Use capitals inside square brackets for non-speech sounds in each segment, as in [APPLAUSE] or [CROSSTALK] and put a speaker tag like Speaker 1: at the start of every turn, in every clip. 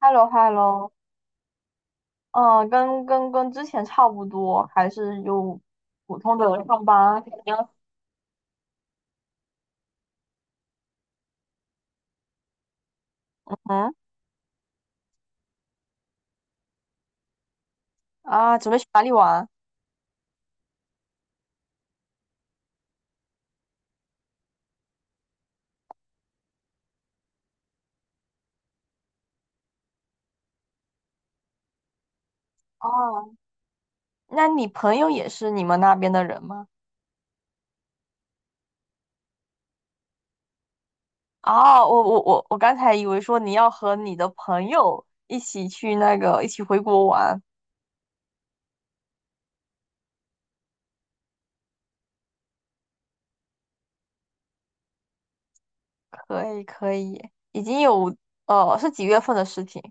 Speaker 1: h e l l o h e l l o。 嗯，跟之前差不多，还是有普通的上班。嗯啊，准备去哪里玩？哦，那你朋友也是你们那边的人吗？哦，我刚才以为说你要和你的朋友一起去那个一起回国玩。可以可以，已经有，是几月份的事情？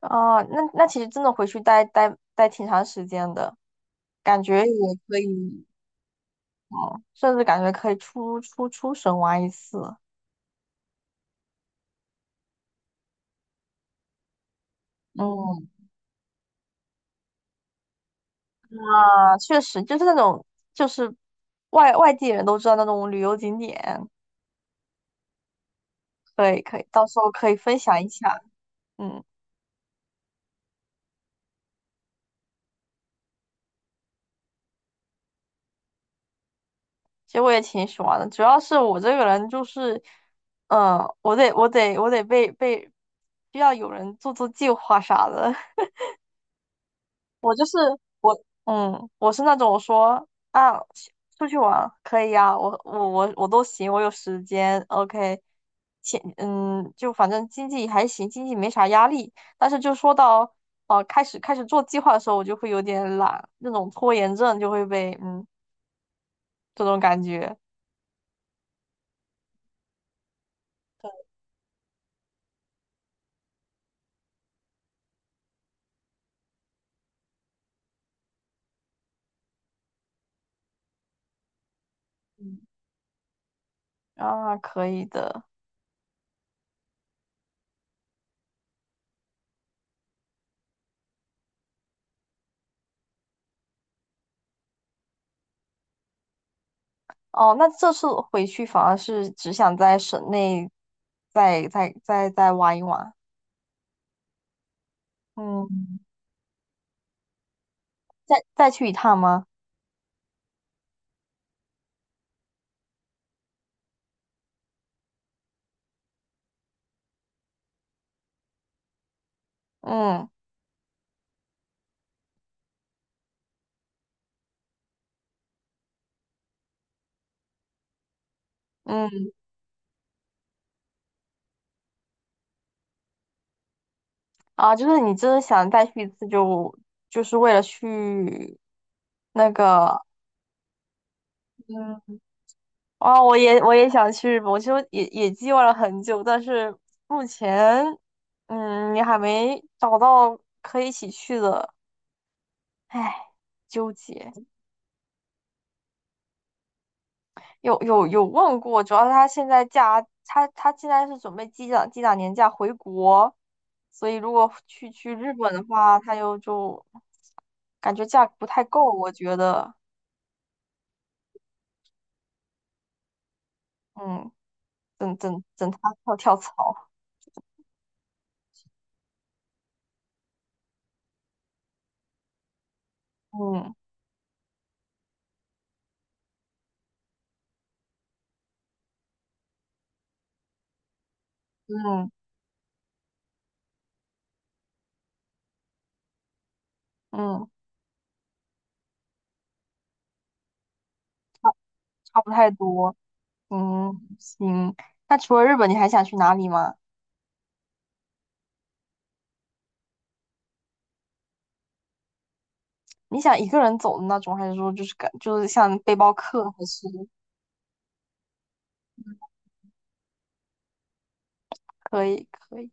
Speaker 1: 哦，那其实真的回去待挺长时间的，感觉也可以。哦，甚至感觉可以出省玩一次。嗯，啊，确实就是那种，就是外地人都知道那种旅游景点。可以可以，到时候可以分享一下。嗯，其实我也挺喜欢的，主要是我这个人就是，嗯，我得被需要有人做做计划啥的。[LAUGHS] 我就是我，嗯，我是那种我说啊，出去玩可以呀、我都行，我有时间，OK，钱，嗯，就反正经济还行，经济没啥压力。但是就说到开始做计划的时候，我就会有点懒，那种拖延症就会被这种感觉。嗯，啊，可以的。哦，那这次回去反而是只想在省内再玩一玩。嗯，再去一趟吗？嗯嗯啊，就是你真的想再去一次就，就是为了去那个。嗯，啊，我也想去日本，我就也计划了很久，但是目前，嗯，你还没找到可以一起去的，唉，纠结。有有有问过，主要是他现在假，他现在是准备积攒积攒年假回国，所以如果去日本的话，他又就感觉假不太够，我觉得。嗯，等他跳跳槽。嗯嗯嗯，差不太多。嗯，行。那除了日本，你还想去哪里吗？你想一个人走的那种，还是说就是像背包客，还是可以可以？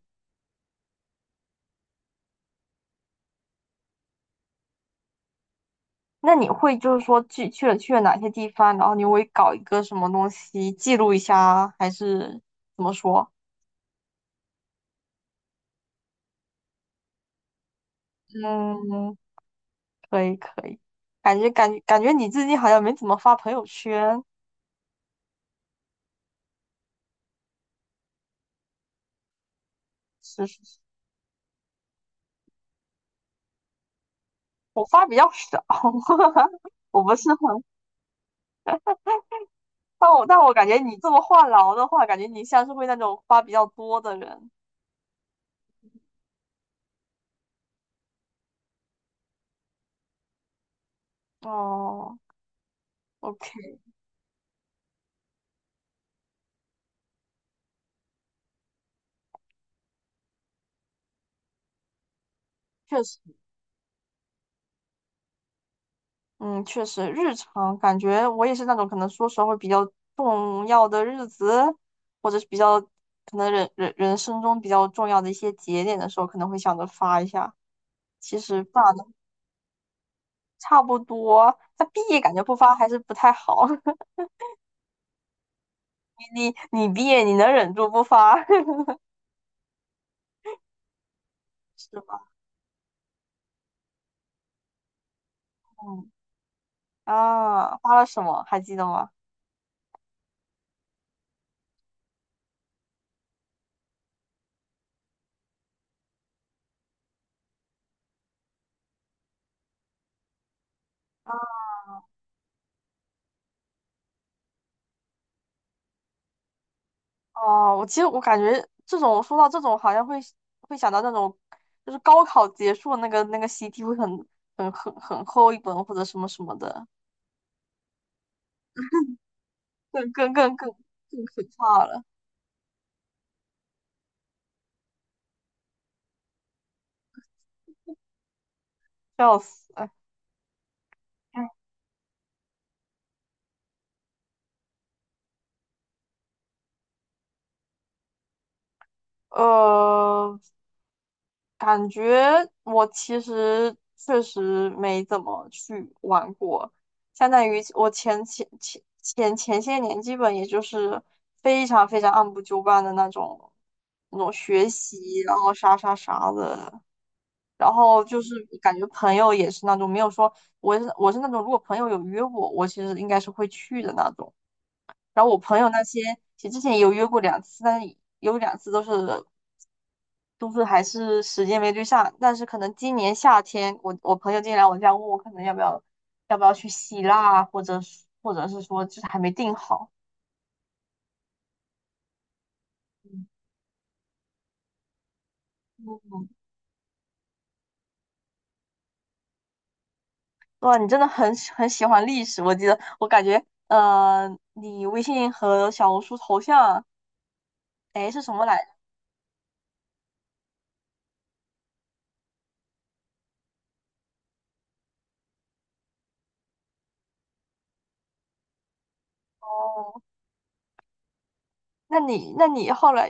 Speaker 1: 那你会就是说去了哪些地方，然后你会搞一个什么东西记录一下啊，还是怎么说？嗯，可以可以。感觉你最近好像没怎么发朋友圈。是是是，我发比较少。[LAUGHS] 我不是很，但我感觉你这么话痨的话，感觉你像是会那种发比较多的人。哦，OK，确实。嗯，确实，日常感觉我也是那种可能说实话会比较重要的日子，或者是比较可能人生中比较重要的一些节点的时候，可能会想着发一下。其实发的差不多，但毕业感觉不发还是不太好。[LAUGHS] 你毕业你能忍住不发？ [LAUGHS] 是吧？嗯啊，发了什么还记得吗？哦，我其实我感觉这种说到这种，好像会想到那种，就是高考结束那个习题会很厚一本或者什么什么的，更更更更更可怕了，笑死！哎，呃，感觉我其实确实没怎么去玩过，相当于我前些年基本也就是非常非常按部就班的那种学习，然后啥的，然后就是感觉朋友也是那种没有说我是那种如果朋友有约我，我其实应该是会去的那种。然后我朋友那些，其实之前也有约过两次，但是有两次都是还是时间没对上，但是可能今年夏天，我朋友今天来我家问我，可能要不要去希腊啊，或者是说就是还没定好。嗯哇，你真的很喜欢历史，我记得我感觉，呃，你微信和小红书头像，哎，是什么来着？哦，那你后来，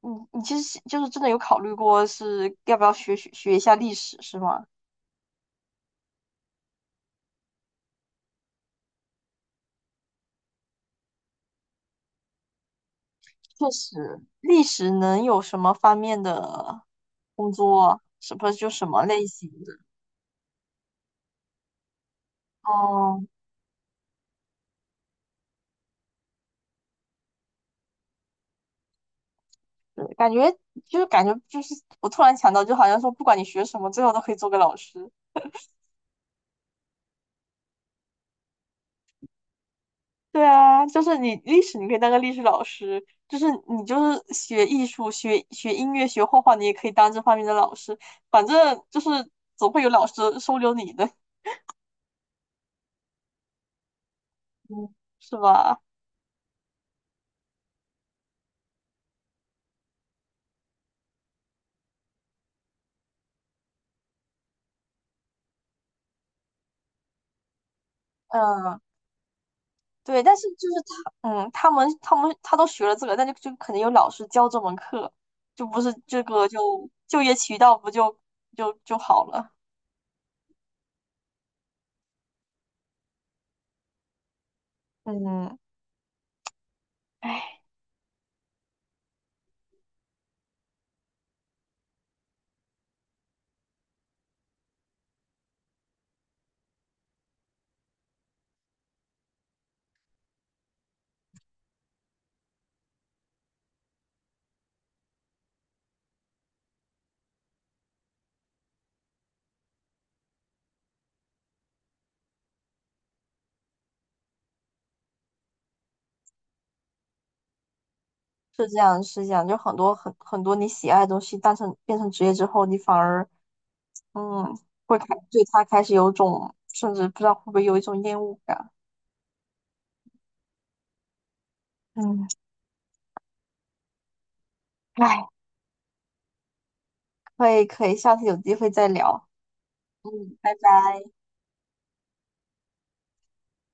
Speaker 1: 你其实就是真的有考虑过是要不要学一下历史是吗？确实，历史能有什么方面的工作，什么就什么类型的。哦，对，感觉就是，我突然想到，就好像说，不管你学什么，最后都可以做个老师。对啊，就是你历史，你可以当个历史老师；就是你就是学艺术、学音乐、学画画，你也可以当这方面的老师。反正就是总会有老师收留你的。嗯，是吧？嗯，对，但是就是他，嗯，他们他们他都学了这个，但就可能有老师教这门课，就不是这个就就业渠道不就好了。嗯，唉，是这样是这样，就很多很多你喜爱的东西，变成职业之后，你反而嗯会开对他开始有种甚至不知道会不会有一种厌恶感。嗯，哎，可以可以，下次有机会再聊。嗯，拜拜。